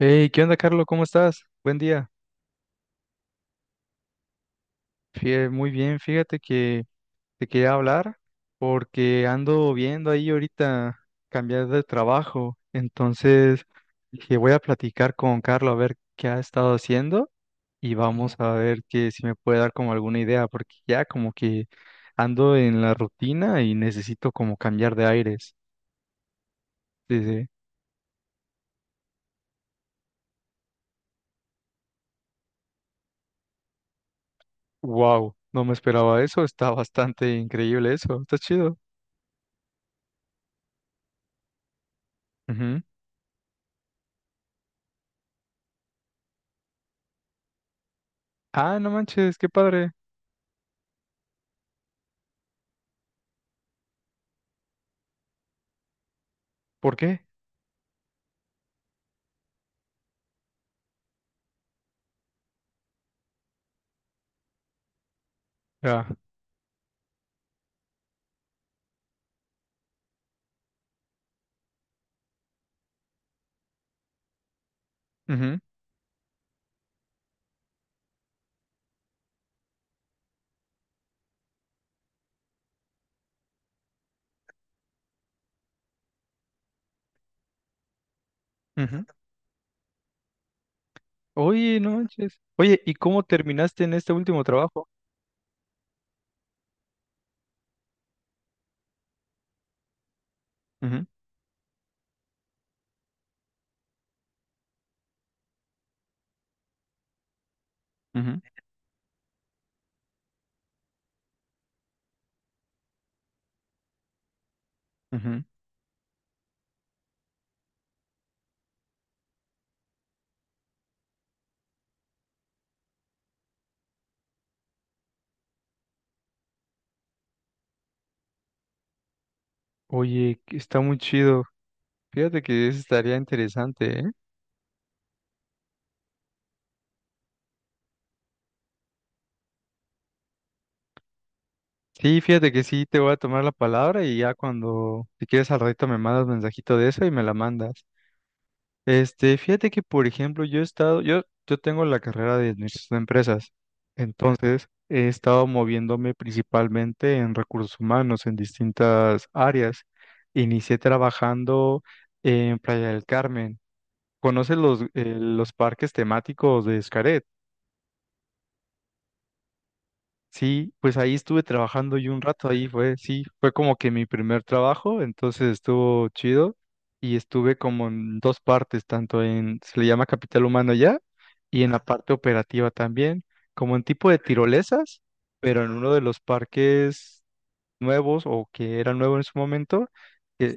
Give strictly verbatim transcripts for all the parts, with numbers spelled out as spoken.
Hey, ¿qué onda, Carlos? ¿Cómo estás? Buen día. Fie- muy bien, fíjate que te quería hablar porque ando viendo ahí ahorita cambiar de trabajo. Entonces dije, voy a platicar con Carlos a ver qué ha estado haciendo y vamos a ver que si me puede dar como alguna idea, porque ya como que ando en la rutina y necesito como cambiar de aires. Dice, wow, no me esperaba eso, está bastante increíble eso, está chido. Ujú. Ah, no manches, qué padre. ¿Por qué? Ah, ujú, ujú. Oye, no manches. Oye, ¿y cómo terminaste en este último trabajo? Ujú, ujú, ujú. Oye, que está muy chido. Fíjate que eso estaría interesante, ¿eh? Sí, fíjate que sí, te voy a tomar la palabra y ya cuando, si quieres al ratito me mandas mensajito de eso y me la mandas. Este, fíjate que, por ejemplo, yo he estado, yo, yo tengo la carrera de administración de empresas, entonces he estado moviéndome principalmente en recursos humanos, en distintas áreas. Inicié trabajando en Playa del Carmen. ¿Conoces los, eh, los parques temáticos de Xcaret? Sí, pues ahí estuve trabajando y un rato ahí fue, sí, fue como que mi primer trabajo, entonces estuvo chido y estuve como en dos partes, tanto en, se le llama capital humano ya, y en la parte operativa también, como en tipo de tirolesas, pero en uno de los parques nuevos o que era nuevo en su momento, que,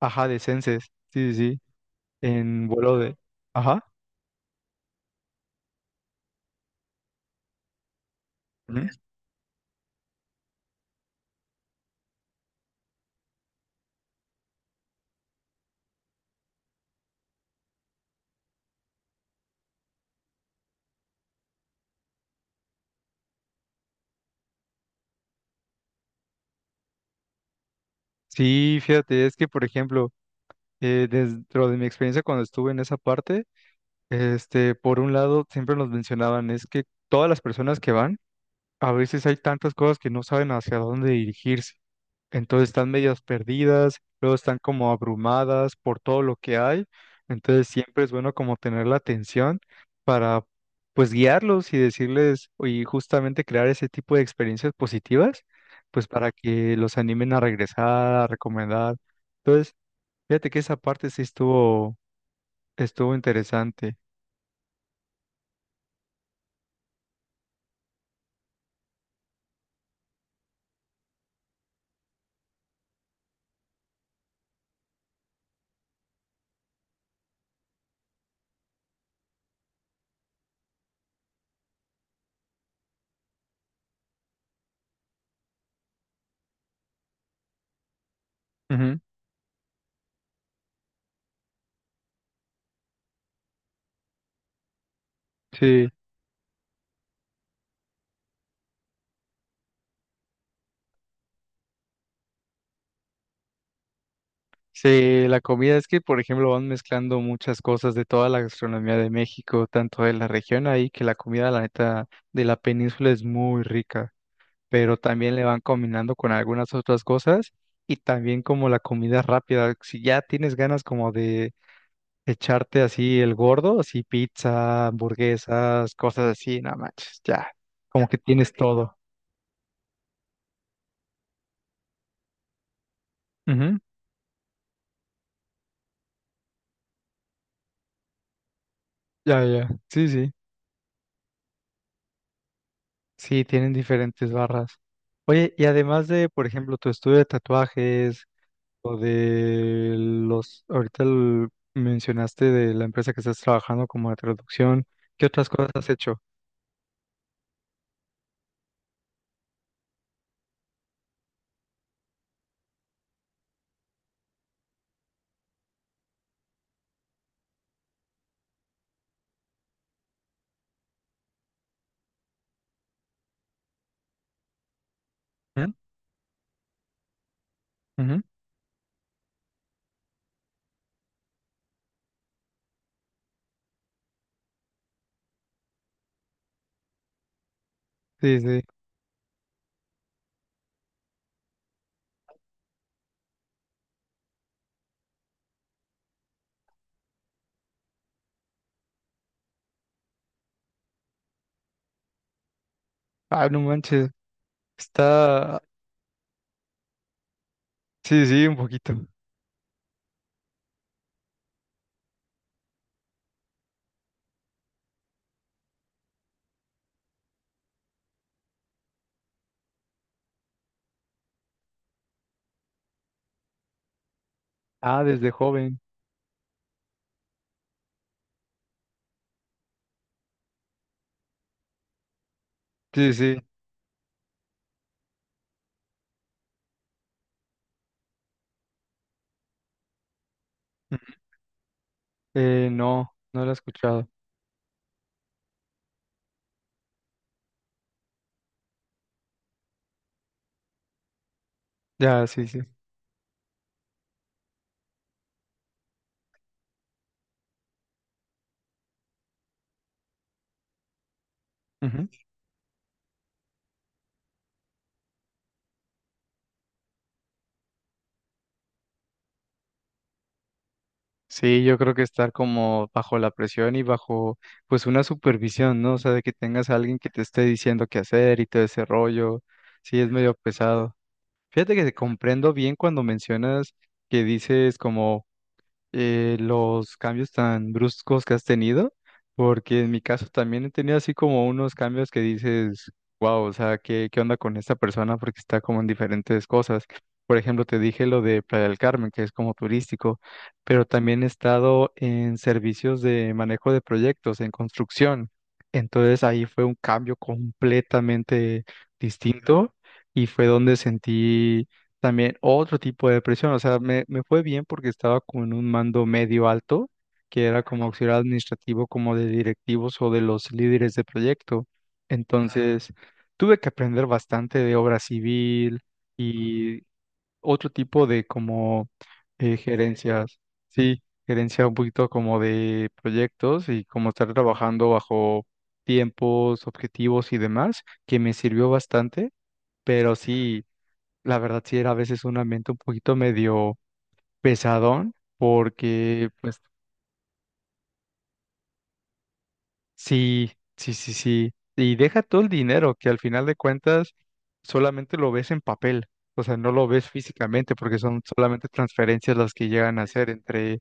ajá, de Senses, sí, sí, sí, en vuelo de, ajá. Ujú. Sí, fíjate, es que por ejemplo, eh, dentro de mi experiencia cuando estuve en esa parte, este, por un lado, siempre nos mencionaban, es que todas las personas que van, a veces hay tantas cosas que no saben hacia dónde dirigirse. Entonces están medias perdidas, luego están como abrumadas por todo lo que hay. Entonces siempre es bueno como tener la atención para pues guiarlos y decirles y justamente crear ese tipo de experiencias positivas, pues para que los animen a regresar, a recomendar. Entonces, fíjate que esa parte sí estuvo, estuvo interesante. Ujú. Sí. Sí, la comida es que, por ejemplo, van mezclando muchas cosas de toda la gastronomía de México, tanto de la región ahí, que la comida, la neta, de la península es muy rica, pero también le van combinando con algunas otras cosas y también como la comida rápida. Si ya tienes ganas como de echarte así el gordo, así pizza, hamburguesas, cosas así, no manches, ya, como que tienes todo. Ujú. Ya, ya, sí, sí. Sí, tienen diferentes barras. Oye, y además de, por ejemplo, tu estudio de tatuajes o de los, ahorita el- mencionaste de la empresa que estás trabajando como de traducción, ¿qué otras cosas has hecho? ¿Mm? Ujú. Sí, sí. Ah, no manches. Está, sí, sí, un poquito. Ah, desde joven. Sí, sí. Ujú. Eh, no, no lo he escuchado. Ya, sí, sí. Sí, yo creo que estar como bajo la presión y bajo pues una supervisión, ¿no? O sea, de que tengas a alguien que te esté diciendo qué hacer y todo ese rollo, sí es medio pesado. Fíjate que te comprendo bien cuando mencionas que dices como eh, los cambios tan bruscos que has tenido, porque en mi caso también he tenido así como unos cambios que dices, wow, o sea, ¿qué, ¿qué onda con esta persona? Porque está como en diferentes cosas. Por ejemplo, te dije lo de Playa del Carmen, que es como turístico, pero también he estado en servicios de manejo de proyectos, en construcción. Entonces ahí fue un cambio completamente distinto y fue donde sentí también otro tipo de depresión, o sea, me, me fue bien porque estaba con un mando medio alto, que era como auxiliar administrativo, como de directivos o de los líderes de proyecto. Entonces, tuve que aprender bastante de obra civil y otro tipo de como eh, gerencias, sí, gerencia un poquito como de proyectos y como estar trabajando bajo tiempos, objetivos y demás, que me sirvió bastante, pero sí. La verdad sí era a veces un ambiente un poquito medio pesadón, porque pues sí, sí, sí, sí. Y deja todo el dinero, que al final de cuentas solamente lo ves en papel, o sea, no lo ves físicamente, porque son solamente transferencias las que llegan a hacer entre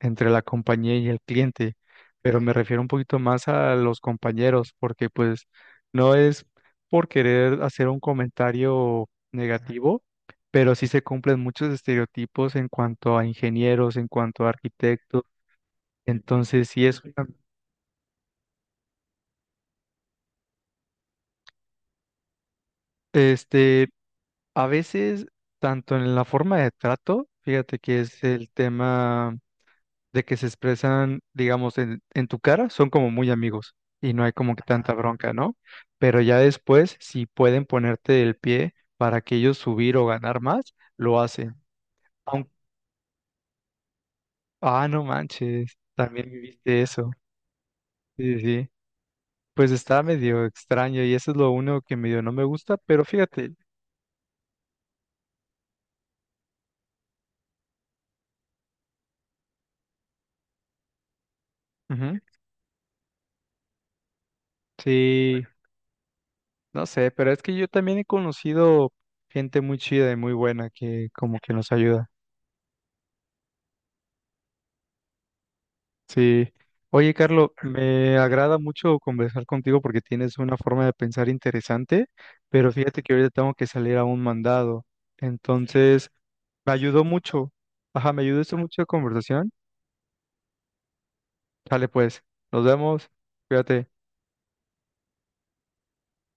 entre la compañía y el cliente, pero me refiero un poquito más a los compañeros, porque pues no es por querer hacer un comentario negativo, pero sí se cumplen muchos estereotipos en cuanto a ingenieros, en cuanto a arquitectos, entonces sí es, una- este, a veces, tanto en la forma de trato, fíjate que es el tema de que se expresan, digamos, en, en tu cara, son como muy amigos y no hay como que tanta Ah, bronca, ¿no? Pero ya después, si pueden ponerte el pie para que ellos subir o ganar más, lo hacen. Aun- ah, no manches, también viviste eso. Sí, sí. Sí. Pues está medio extraño y eso es lo único que medio no me gusta, pero fíjate. Ujú. Sí, no sé, pero es que yo también he conocido gente muy chida y muy buena que como que nos ayuda. Sí. Oye, Carlos, me agrada mucho conversar contigo porque tienes una forma de pensar interesante, pero fíjate que ahorita tengo que salir a un mandado. Entonces, me ayudó mucho. Ajá, me ayudó esto mucho la conversación. Dale, pues, nos vemos. Cuídate.